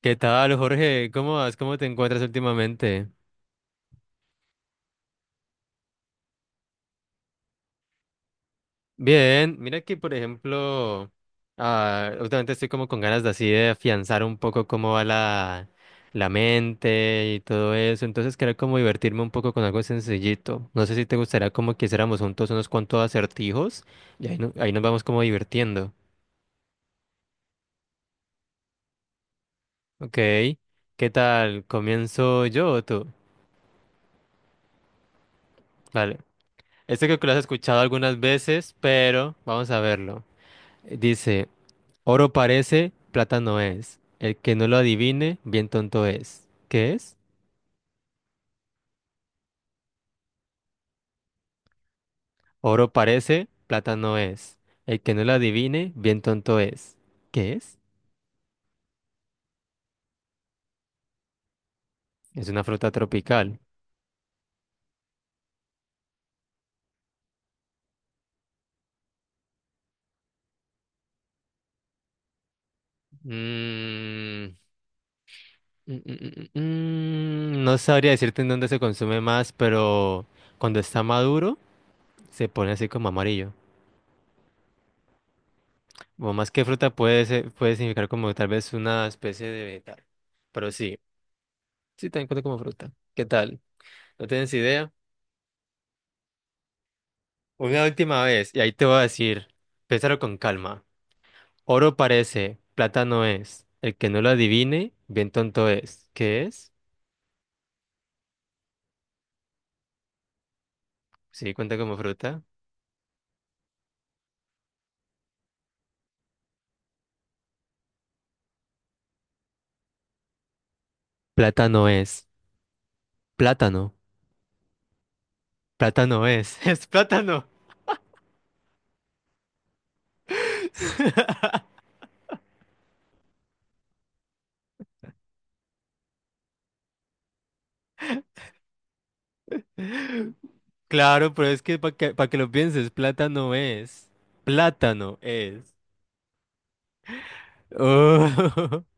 ¿Qué tal, Jorge? ¿Cómo vas? ¿Cómo te encuentras últimamente? Bien, mira que, por ejemplo, últimamente estoy como con ganas de así de afianzar un poco cómo va la mente y todo eso, entonces quería como divertirme un poco con algo sencillito. No sé si te gustaría como que hiciéramos juntos unos cuantos acertijos y ahí, no- ahí nos vamos como divirtiendo. Ok, ¿qué tal? ¿Comienzo yo o tú? Vale, este creo que lo has escuchado algunas veces, pero vamos a verlo. Dice... Oro parece, plata no es. El que no lo adivine, bien tonto es. ¿Qué es? Oro parece, plata no es. El que no lo adivine, bien tonto es. ¿Qué es? Es una fruta tropical. Mm, mm, mm, mm. No sabría decirte en dónde se consume más, pero cuando está maduro, se pone así como amarillo. O más que fruta puede significar como tal vez una especie de vegetal. Pero sí, sí, también cuenta como fruta. ¿Qué tal? ¿No tienes idea? Una última vez, y ahí te voy a decir, piénsalo con calma. Oro parece, plata no es. El que no lo adivine, bien tonto es. ¿Qué es? Sí, cuenta como fruta. Plátano es. Plátano. Plátano es. Es plátano. Claro, pero es que pa' que lo pienses, plátano es. Plátano es. Oh.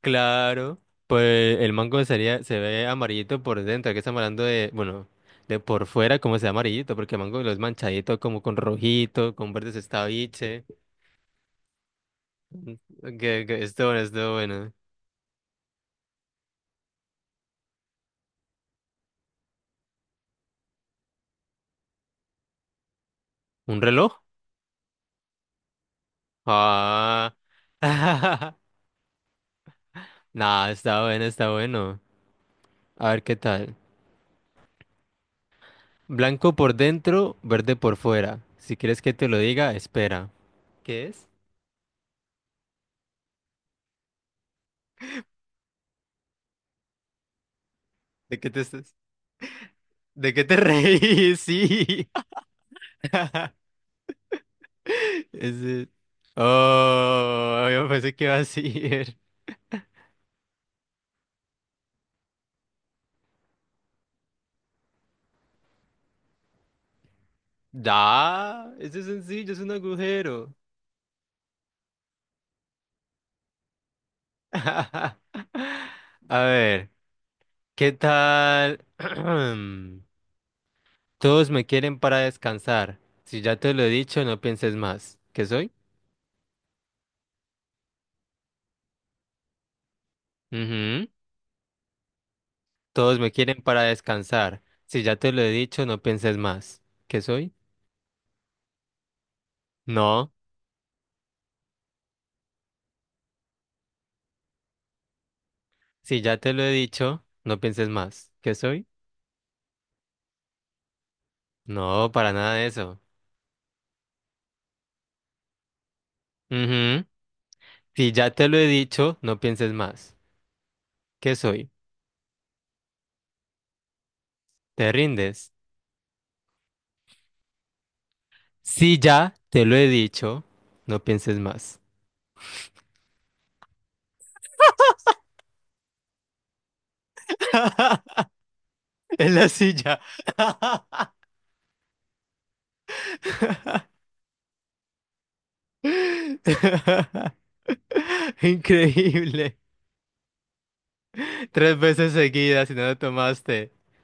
Claro, pues el mango sería, se ve amarillito por dentro, que estamos hablando de, bueno, de por fuera como se ve amarillito, porque el mango lo es manchadito como con rojito, con verdes estaviche, que esto bueno, esto bueno. ¿Un reloj? Ah, nah, está bueno, está bueno. A ver qué tal. Blanco por dentro, verde por fuera. Si quieres que te lo diga, espera. ¿Qué es? ¿De qué te estás? ¿De qué te reís? Sí. Es de- Oh, yo pensé que iba a decir. Da, eso es sencillo, es un agujero. A ver, ¿qué tal? Todos me quieren para descansar. Si ya te lo he dicho, no pienses más. ¿Qué soy? Ujú. Todos me quieren para descansar. Si ya te lo he dicho, no pienses más. ¿Qué soy? No. Si ya te lo he dicho, no pienses más. ¿Qué soy? No, para nada de eso. Ujú. Si ya te lo he dicho, no pienses más. ¿Qué soy? ¿Te rindes? Si ya te lo he dicho, no pienses más. En la silla. Increíble. Tres veces seguidas y no lo tomaste.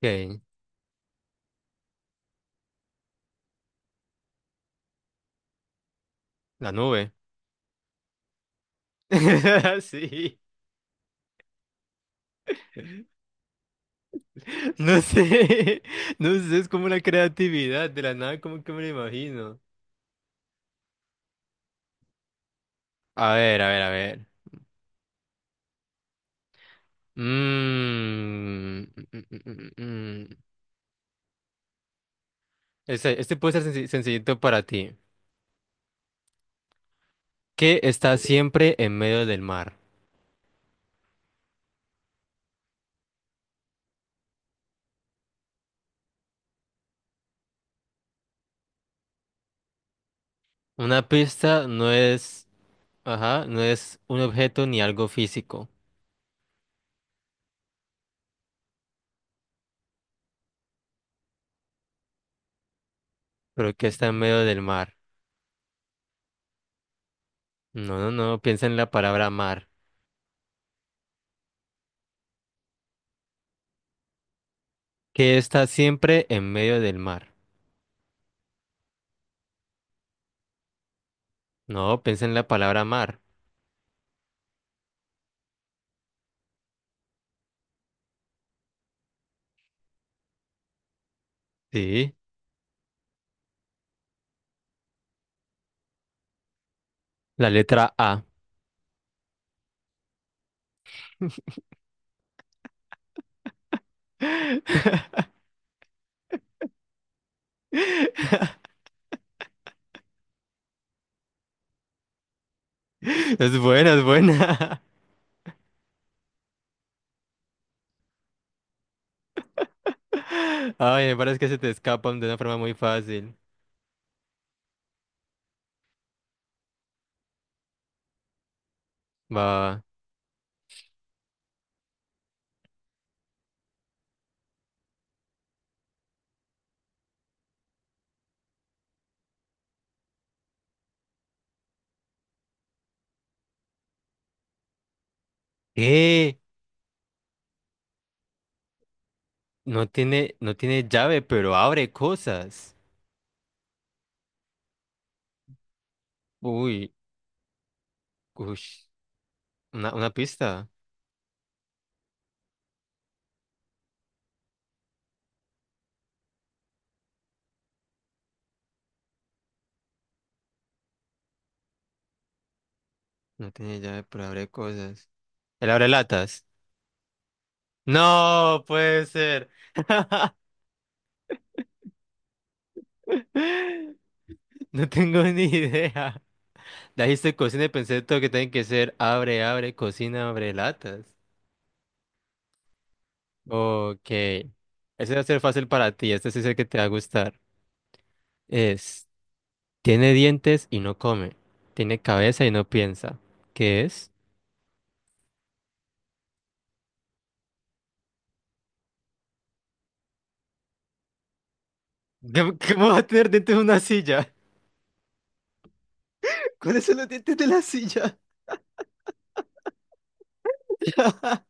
Ok, la nube. Sí. No sé. No sé, es como la creatividad de la nada, como que me lo imagino. A ver, a ver, a ver. Mm, mm, mm, mm, mm. mm. Este, puede ser sencillito para ti. ¿Qué está siempre en medio del mar? Una pista no es, ajá, no es un objeto ni algo físico, pero ¿qué está en medio del mar? No, no, no, piensa en la palabra mar. ¿Qué está siempre en medio del mar? No, piensa en la palabra mar. Sí, la letra A. Es buena, es buena. Ay, me parece que se te escapan de una forma muy fácil. Va. Eh, no tiene llave, pero abre cosas. Uy, uy. Una pista. No tiene llave, pero abre cosas. El abre latas. No puede ser. No tengo ni idea. Dijiste cocina y pensé todo que tiene que ser cocina, abre latas. Ok. Ese va a ser fácil para ti. Este sí es el que te va a gustar. Es tiene dientes y no come. Tiene cabeza y no piensa. ¿Qué es? ¿Qué- ¿Cómo va a tener dientes una silla? ¿Cuáles son los dientes de la silla?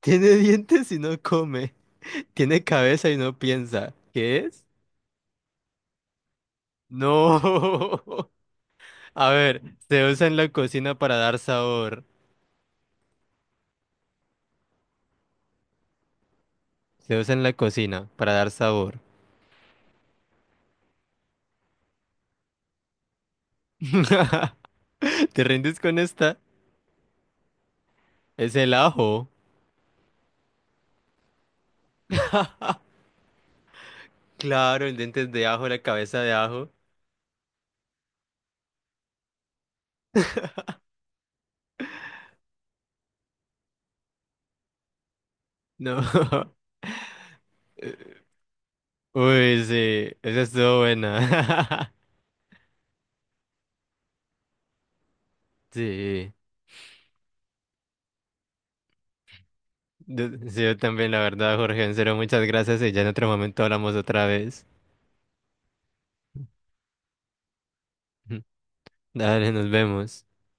Tiene dientes y no come. Tiene cabeza y no piensa. ¿Qué es? No. A ver, se usa en la cocina para dar sabor. Se usa en la cocina para dar sabor. ¿Te rindes con esta? Es el ajo. Claro, el diente es de ajo, la cabeza de ajo. No. Uy, sí, esa estuvo buena. Sí, yo también, la verdad, Jorge, en serio, muchas gracias y ya en otro momento hablamos otra vez. Dale, nos vemos.